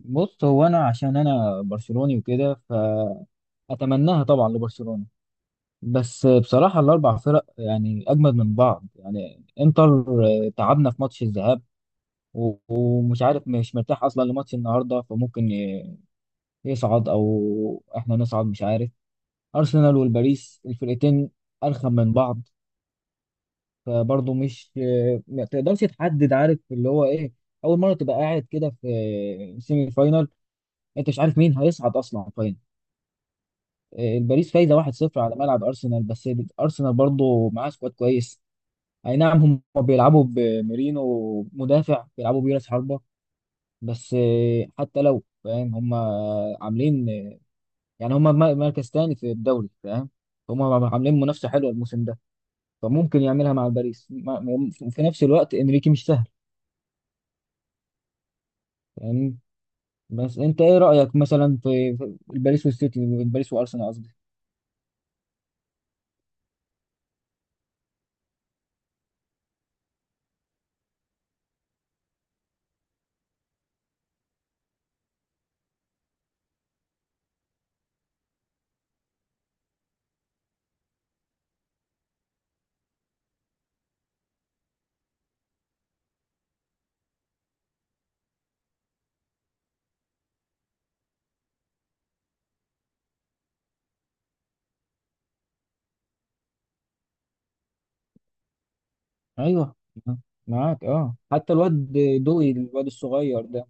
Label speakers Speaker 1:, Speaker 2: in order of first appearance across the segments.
Speaker 1: بص، هو انا عشان انا برشلوني وكده، فاتمناها طبعا لبرشلونة. بس بصراحة الاربع فرق يعني اجمد من بعض. يعني انتر تعبنا في ماتش الذهاب. ومش عارف، مش مرتاح اصلا لماتش النهارده، فممكن يصعد او احنا نصعد، مش عارف. ارسنال والباريس الفرقتين ارخم من بعض، فبرضه مش ما تقدرش تحدد، عارف اللي هو ايه. اول مرة تبقى قاعد كده في سيمي فاينال، انت مش عارف مين هيصعد اصلا فاينل. الباريس فايزه 1-0 على ملعب ارسنال بس. ارسنال برضه معاه سكواد كويس، اي نعم، هم بيلعبوا بميرينو مدافع، بيلعبوا بيراس حربة بس. حتى لو فاهم، هم عاملين، يعني هم مركز تاني في الدوري، فاهم، هم عاملين منافسه حلوه الموسم ده، فممكن يعملها مع الباريس وفي نفس الوقت انريكي مش سهل، فاهم. بس انت ايه رايك مثلا في الباريس والسيتي، الباريس وارسنال قصدي؟ ايوه، معاك. اه حتى الواد دوي، الواد الصغير ده.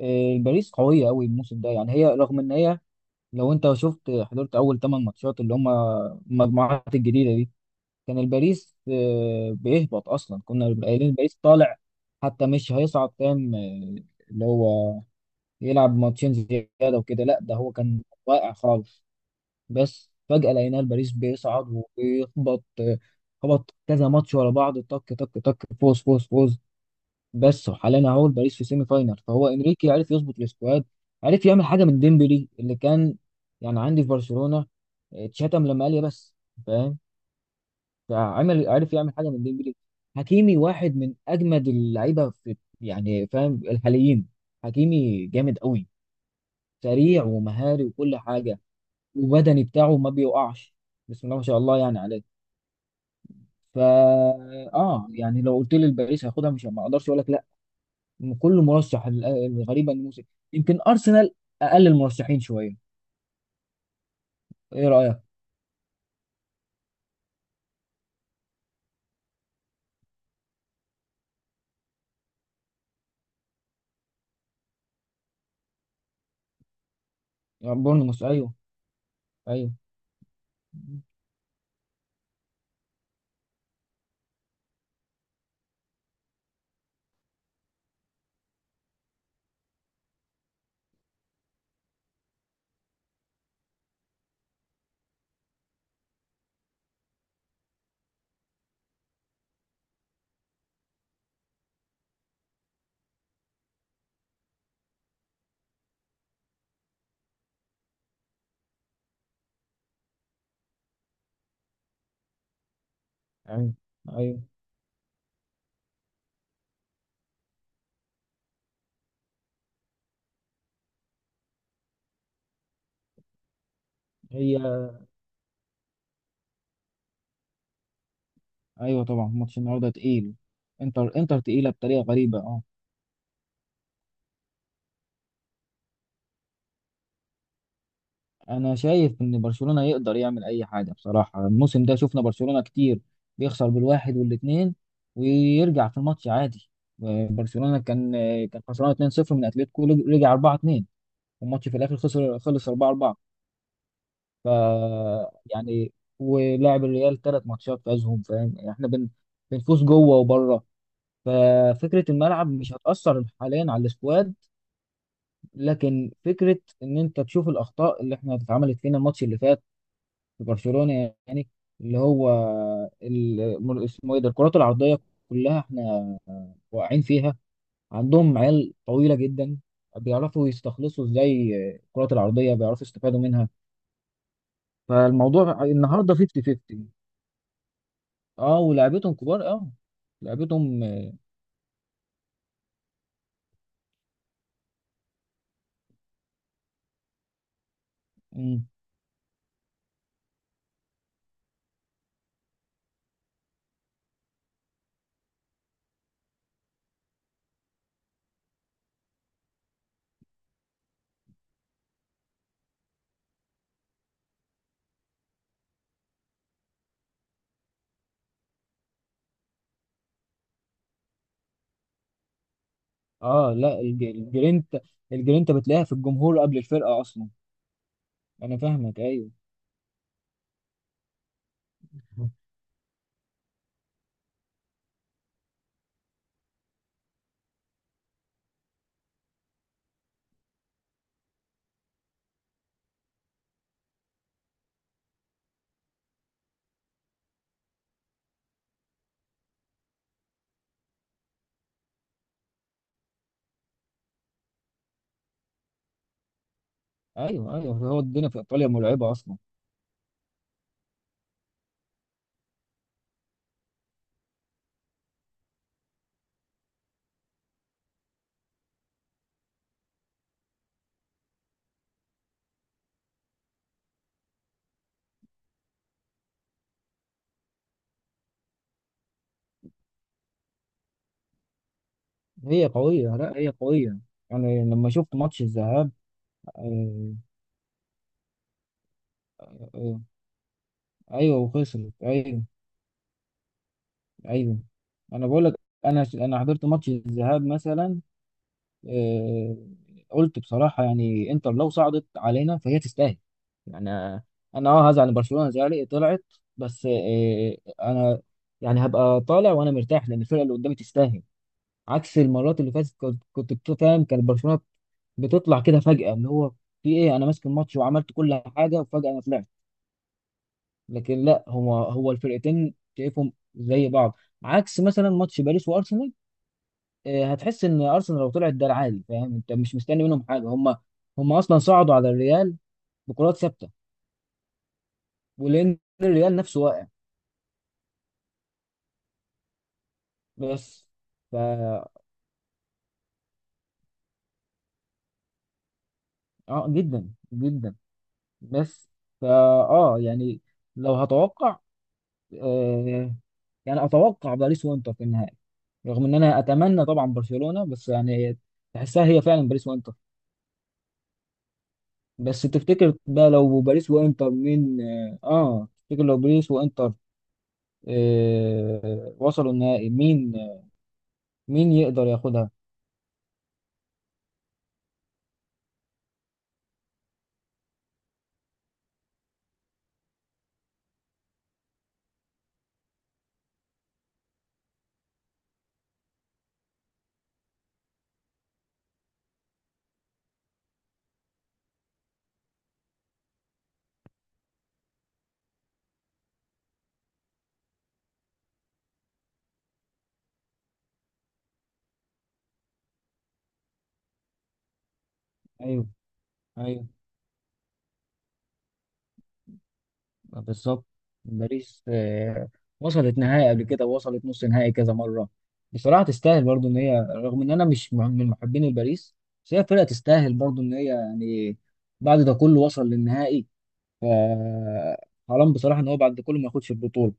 Speaker 1: باريس قوية أوي الموسم ده، يعني هي رغم إن هي، لو أنت شفت حضرت أول 8 ماتشات اللي هم المجموعات الجديدة دي، كان الباريس بيهبط أصلا، كنا قايلين الباريس طالع حتى مش هيصعد، فاهم، اللي هو يلعب ماتشين زيادة وكده. لا، ده هو كان واقع خالص، بس فجأة لقينا الباريس بيصعد وبيخبط، خبط كذا ماتش ورا بعض، طك طك طك، فوز فوز فوز بس. وحاليا اهو باريس في سيمي فاينال، فهو انريكي عرف يظبط السكواد، عرف يعمل حاجه من ديمبلي اللي كان يعني عندي في برشلونه، اتشتم لما قال يا بس، فاهم. فعمل، عرف يعمل حاجه من ديمبلي. حكيمي واحد من اجمد اللعيبه في، يعني فاهم، الحاليين. حكيمي جامد قوي، سريع ومهاري وكل حاجه، وبدني بتاعه ما بيوقعش، بسم الله ما شاء الله، يعني عليه. فا، اه يعني، لو قلت لي الباريس هياخدها، مش، ما اقدرش اقول لك. كله مرشح، الغريبه ان موسم يمكن ارسنال اقل المرشحين شويه. ايه رايك؟ يعني بورنموث، ايوه. ايوه، ايوه، ايوه. هي، ايوه طبعا ماتش النهارده تقيل. انتر، انتر تقيله بطريقه غريبه اه. انا شايف ان برشلونه يقدر يعمل اي حاجه، بصراحه الموسم ده شفنا برشلونه كتير بيخسر بالواحد والاثنين ويرجع في الماتش عادي. برشلونه كان خسران 2-0 من اتلتيكو، رجع 4-2، والماتش في الاخر خسر، خلص 4-4. ف، يعني، ولعب الريال 3 ماتشات فازهم، فاهم يعني احنا بنفوز جوه وبره. ففكره الملعب مش هتاثر حاليا على السكواد، لكن فكره ان انت تشوف الاخطاء اللي احنا اتعملت فينا الماتش اللي فات في برشلونه، يعني اللي هو اسمه ايه ده، الكرات العرضيه كلها احنا واقعين فيها. عندهم عيال طويله جدا، بيعرفوا يستخلصوا ازاي الكرات العرضيه، بيعرفوا يستفادوا منها. فالموضوع النهارده 50 50. اه، ولعبتهم كبار، اه لعبتهم. مم. اه لا، الجرينتا، الجرينتا بتلاقيها في الجمهور قبل الفرقه اصلا. انا فاهمك، ايوه. ايوه، ايوه، هو الدنيا في ايطاليا مرعبه اصلا. هي قويه، لا هي قويه. يعني لما شفت ماتش الذهاب آه، آه، ايوه، وخسرت ايوه. ايوه، انا بقول لك، انا حضرت ماتش الذهاب مثلا، آه، قلت بصراحه، يعني انتر لو صعدت علينا فهي تستاهل، يعني انا هزعل ان برشلونه زعلت طلعت، بس انا يعني هبقى طالع وانا مرتاح لان الفرقه اللي قدامي تستاهل. عكس المرات اللي فاتت، كنت فاهم، كان برشلونه بتطلع كده فجاه، اللي هو في ايه، انا ماسك الماتش وعملت كل حاجه وفجاه انا طلعت. لكن لا، هو الفرقتين شايفهم زي بعض، عكس مثلا ماتش باريس وارسنال. هتحس ان ارسنال لو طلعت ده العادي، فاهم انت مش مستني منهم حاجه. هم اصلا صعدوا على الريال بكرات ثابته، ولان الريال نفسه واقع. بس، ف، اه جدا جدا. بس، فا، اه يعني، لو هتوقع آه يعني، اتوقع باريس وانتر في النهائي. رغم ان انا اتمنى طبعا برشلونه، بس يعني، تحسها هي فعلا باريس وانتر. بس تفتكر بقى لو باريس وانتر مين؟ تفتكر لو باريس وانتر وصلوا النهائي، مين، مين يقدر ياخدها؟ ايوه، ايوه، بالظبط. باريس وصلت نهائي قبل كده ووصلت نص نهائي كذا مره، بصراحه تستاهل برضو. ان هي، رغم ان انا مش من محبين باريس، بس هي فرقه تستاهل، برضو ان هي يعني بعد ده كله وصل للنهائي. ف، حرام بصراحه ان هو بعد ده كله ما ياخدش البطوله.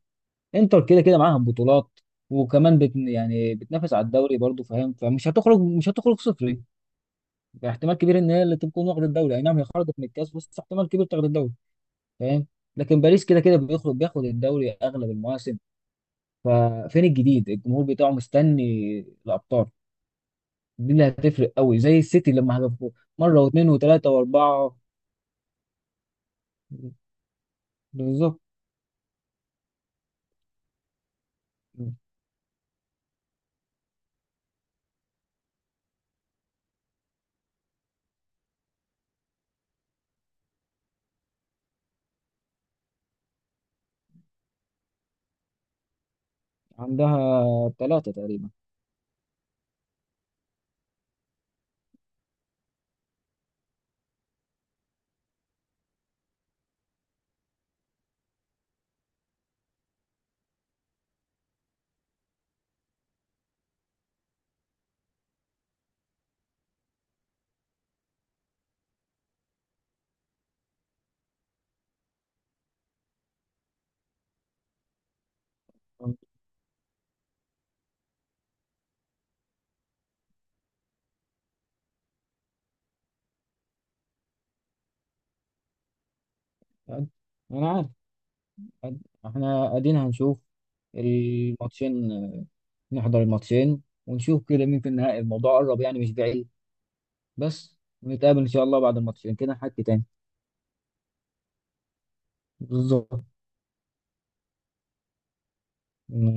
Speaker 1: انتر كده كده معاها بطولات، وكمان يعني بتنافس على الدوري برضو، فاهم، فمش هتخرج، مش هتخرج صفر. يعني احتمال كبير ان هي اللي تكون واخده الدوري، اي نعم هي خرجت من الكاس بس احتمال كبير تاخد الدوري، فاهم. لكن باريس كده كده بيخرج بياخد الدوري اغلب المواسم، ففين الجديد؟ الجمهور بتاعه مستني الابطال. دي اللي هتفرق قوي، زي السيتي لما هدفوا مره واثنين وثلاثه واربعه. بالظبط. عندها ثلاثه تقريبا. انا عارف احنا قاعدين هنشوف الماتشين، نحضر الماتشين ونشوف كده مين في النهائي. الموضوع قرب، يعني مش بعيد. بس نتقابل ان شاء الله بعد الماتشين كده، نحكي تاني. بالظبط.